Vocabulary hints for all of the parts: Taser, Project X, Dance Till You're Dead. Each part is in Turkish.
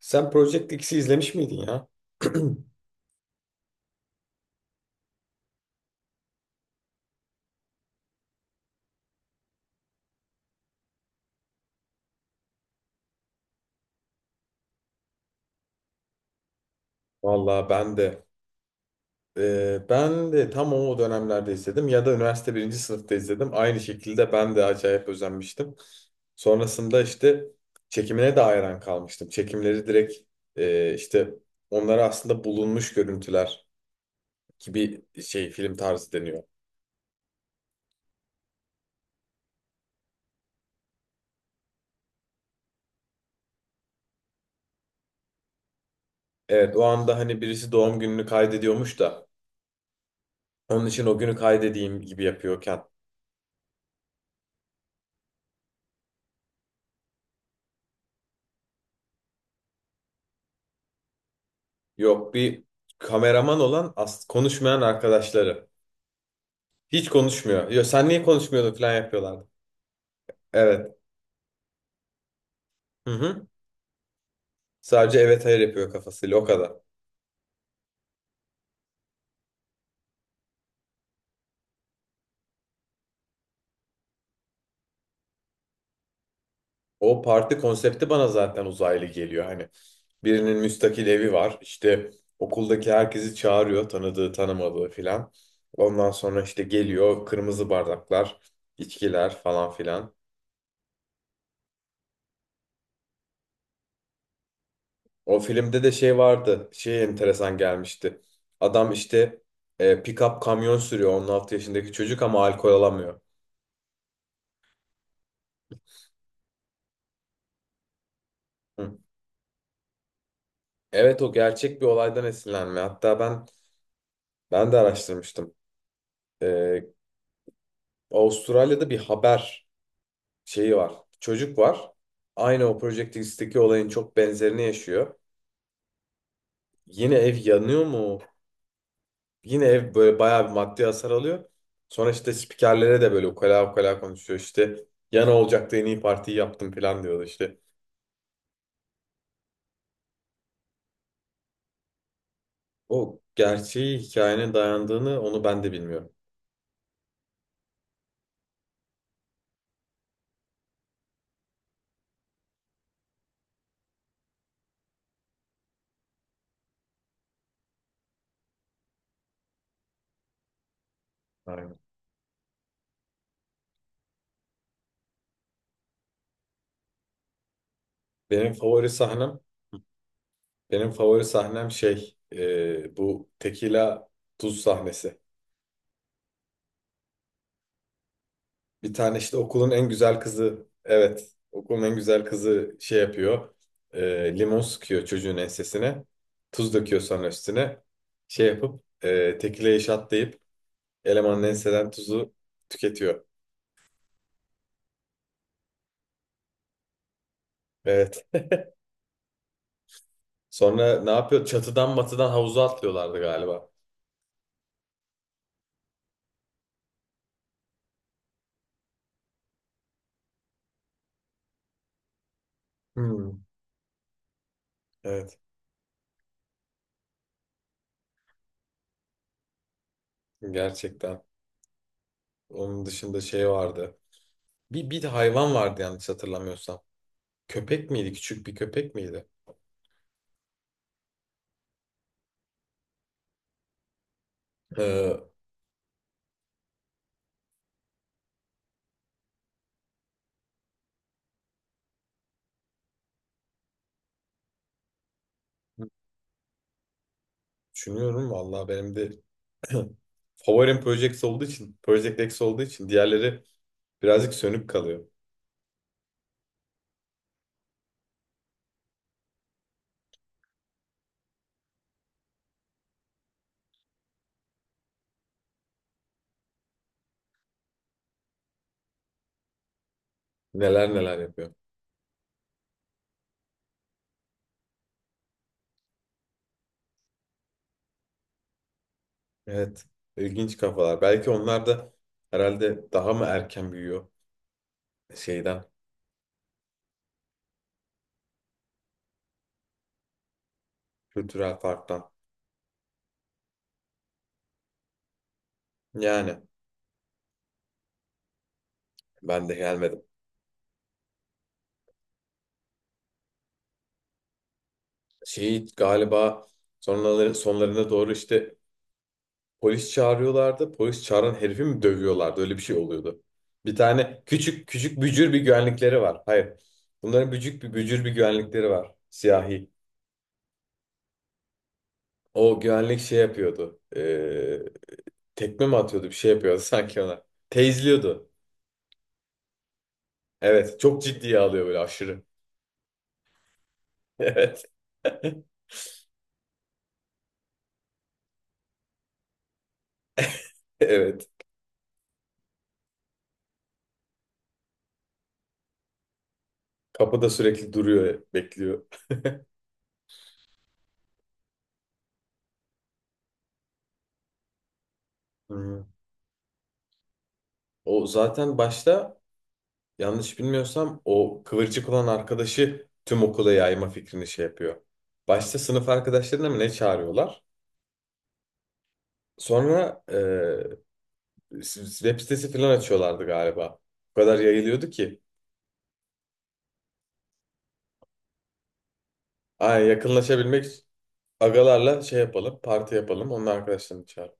Sen Project X'i izlemiş miydin ya? Vallahi ben de tam o dönemlerde izledim ya da üniversite birinci sınıfta izledim. Aynı şekilde ben de acayip özenmiştim. Sonrasında işte çekimine de hayran kalmıştım. Çekimleri direkt işte onlara aslında bulunmuş görüntüler gibi şey film tarzı deniyor. Evet o anda hani birisi doğum gününü kaydediyormuş da onun için o günü kaydedeyim gibi yapıyorken. Yok bir kameraman olan konuşmayan arkadaşları. Hiç konuşmuyor. Yo, sen niye konuşmuyordun falan yapıyorlardı. Evet. Hı hı. Sadece evet hayır yapıyor kafasıyla o kadar. O parti konsepti bana zaten uzaylı geliyor. Hani birinin müstakil evi var. İşte okuldaki herkesi çağırıyor. Tanıdığı tanımadığı filan. Ondan sonra işte geliyor kırmızı bardaklar, içkiler falan filan. O filmde de şey vardı. Şey enteresan gelmişti. Adam işte pick-up kamyon sürüyor, 16 yaşındaki çocuk ama alkol alamıyor. Hı. Evet, o gerçek bir olaydan esinlenme. Hatta ben de araştırmıştım. E, Avustralya'da bir haber şeyi var. Çocuk var. Aynı o Project X'teki olayın çok benzerini yaşıyor. Yine ev yanıyor mu? Yine ev böyle bayağı bir maddi hasar alıyor. Sonra işte spikerlere de böyle ukala ukala konuşuyor. İşte yana olacaktı, en iyi partiyi yaptım falan diyordu işte. O gerçeği hikayenin dayandığını onu ben de bilmiyorum. Aynen. Benim favori sahnem, benim favori sahnem şey, bu tekila tuz sahnesi. Bir tane işte okulun en güzel kızı, evet, okulun en güzel kızı şey yapıyor. Limon sıkıyor çocuğun ensesine. Tuz döküyor sonra üstüne. Şey yapıp tekile şatlayıp elemanın enseden tuzu tüketiyor. Evet. Sonra ne yapıyor? Çatıdan matıdan havuza atlıyorlardı galiba. Hmm, evet. Gerçekten. Onun dışında şey vardı. Bir de hayvan vardı yanlış hatırlamıyorsam. Köpek miydi? Küçük bir köpek miydi? Ee, Düşünüyorum vallahi benim de. Favorim Project olduğu için, Project X olduğu için diğerleri birazcık sönük kalıyor. Neler neler yapıyor. Evet, ilginç kafalar. Belki onlar da herhalde daha mı erken büyüyor şeyden, kültürel farktan. Yani ben de gelmedim. Şey galiba sonlarına doğru işte polis çağırıyorlardı. Polis çağıran herifi mi dövüyorlardı? Öyle bir şey oluyordu. Bir tane küçük küçük bücür bir güvenlikleri var. Hayır. Bunların bücük bir bücür bir güvenlikleri var. Siyahi. O güvenlik şey yapıyordu. Tekme mi atıyordu, bir şey yapıyordu sanki ona. Teyzliyordu. Evet, çok ciddiye alıyor böyle aşırı. Evet. Evet. Kapıda sürekli duruyor, bekliyor. Hı. O zaten başta, yanlış bilmiyorsam, o kıvırcık olan arkadaşı tüm okula yayma fikrini şey yapıyor. Başta sınıf arkadaşlarına mı ne çağırıyorlar? Sonra web sitesi falan açıyorlardı galiba. O kadar yayılıyordu ki. Ay, yakınlaşabilmek. Agalarla şey yapalım, parti yapalım, onun arkadaşlarını çağır.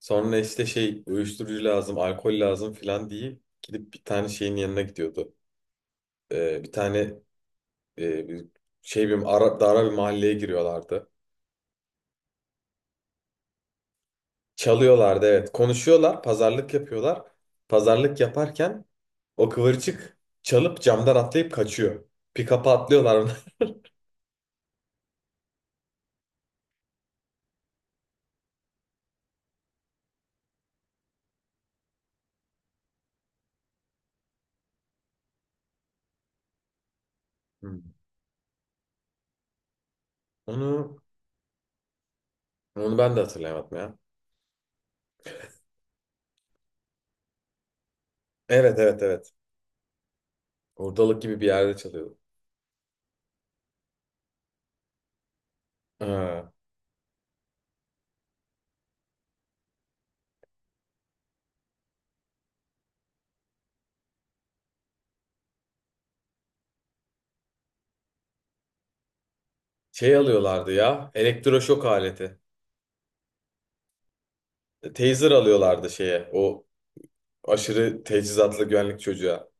Sonra işte şey, uyuşturucu lazım, alkol lazım filan diye gidip bir tane şeyin yanına gidiyordu. Bir tane, bir şey, dara bir mahalleye giriyorlardı. Çalıyorlardı evet. Konuşuyorlar, pazarlık yapıyorlar. Pazarlık yaparken o kıvırcık çalıp camdan atlayıp kaçıyor. Pick-up'a atlıyorlar. Hmm. Onu, onu ben de hatırlayamadım ya. Evet evet evet. Hurdalık gibi bir yerde çalıyordu. Ee, Şey alıyorlardı ya, elektroşok aleti. Taser alıyorlardı şeye, o aşırı teçhizatlı güvenlik çocuğa.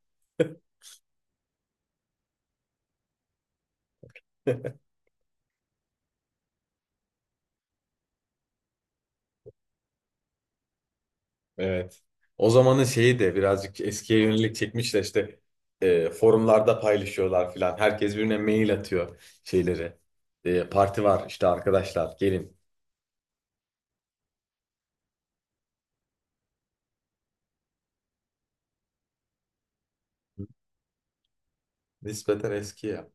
Evet. O zamanın şeyi de birazcık eskiye yönelik çekmişler. İşte forumlarda paylaşıyorlar filan. Herkes birbirine mail atıyor şeyleri. Parti var işte, arkadaşlar gelin. Nispeten eski ya.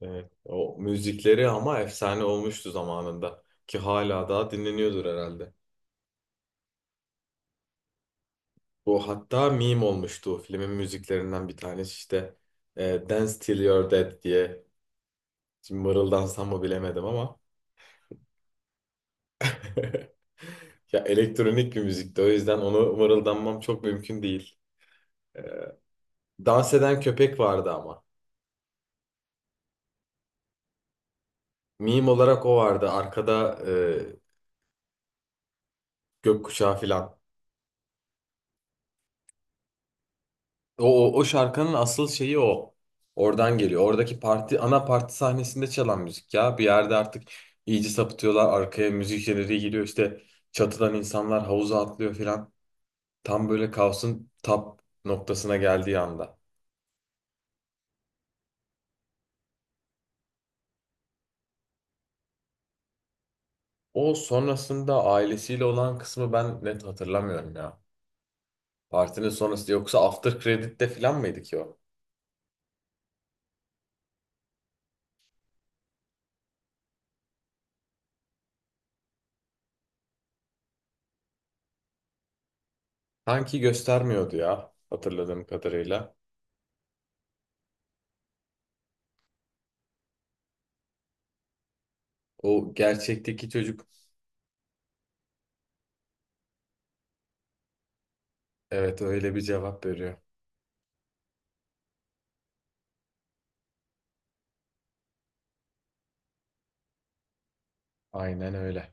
Evet. O müzikleri ama efsane olmuştu zamanında. Ki hala daha dinleniyordur herhalde. Bu hatta meme olmuştu. Filmin müziklerinden bir tanesi işte, Dance Till You're Dead diye. Şimdi mırıldansam mı bilemedim ama. Ya, elektronik bir müzikti. O yüzden onu mırıldanmam çok mümkün değil. Dans eden köpek vardı ama. Meme olarak o vardı. Arkada gökkuşağı filan. O şarkının asıl şeyi o. Oradan geliyor. Oradaki parti, ana parti sahnesinde çalan müzik ya. Bir yerde artık iyice sapıtıyorlar. Arkaya müzik jeneriği giriyor. İşte çatıdan insanlar havuza atlıyor filan. Tam böyle kaosun tap noktasına geldiği anda. O sonrasında ailesiyle olan kısmı ben net hatırlamıyorum ya. Partinin sonrası yoksa after credit'te falan mıydı ki o? Sanki göstermiyordu ya, hatırladığım kadarıyla. O gerçekteki çocuk evet, öyle bir cevap veriyor. Aynen öyle.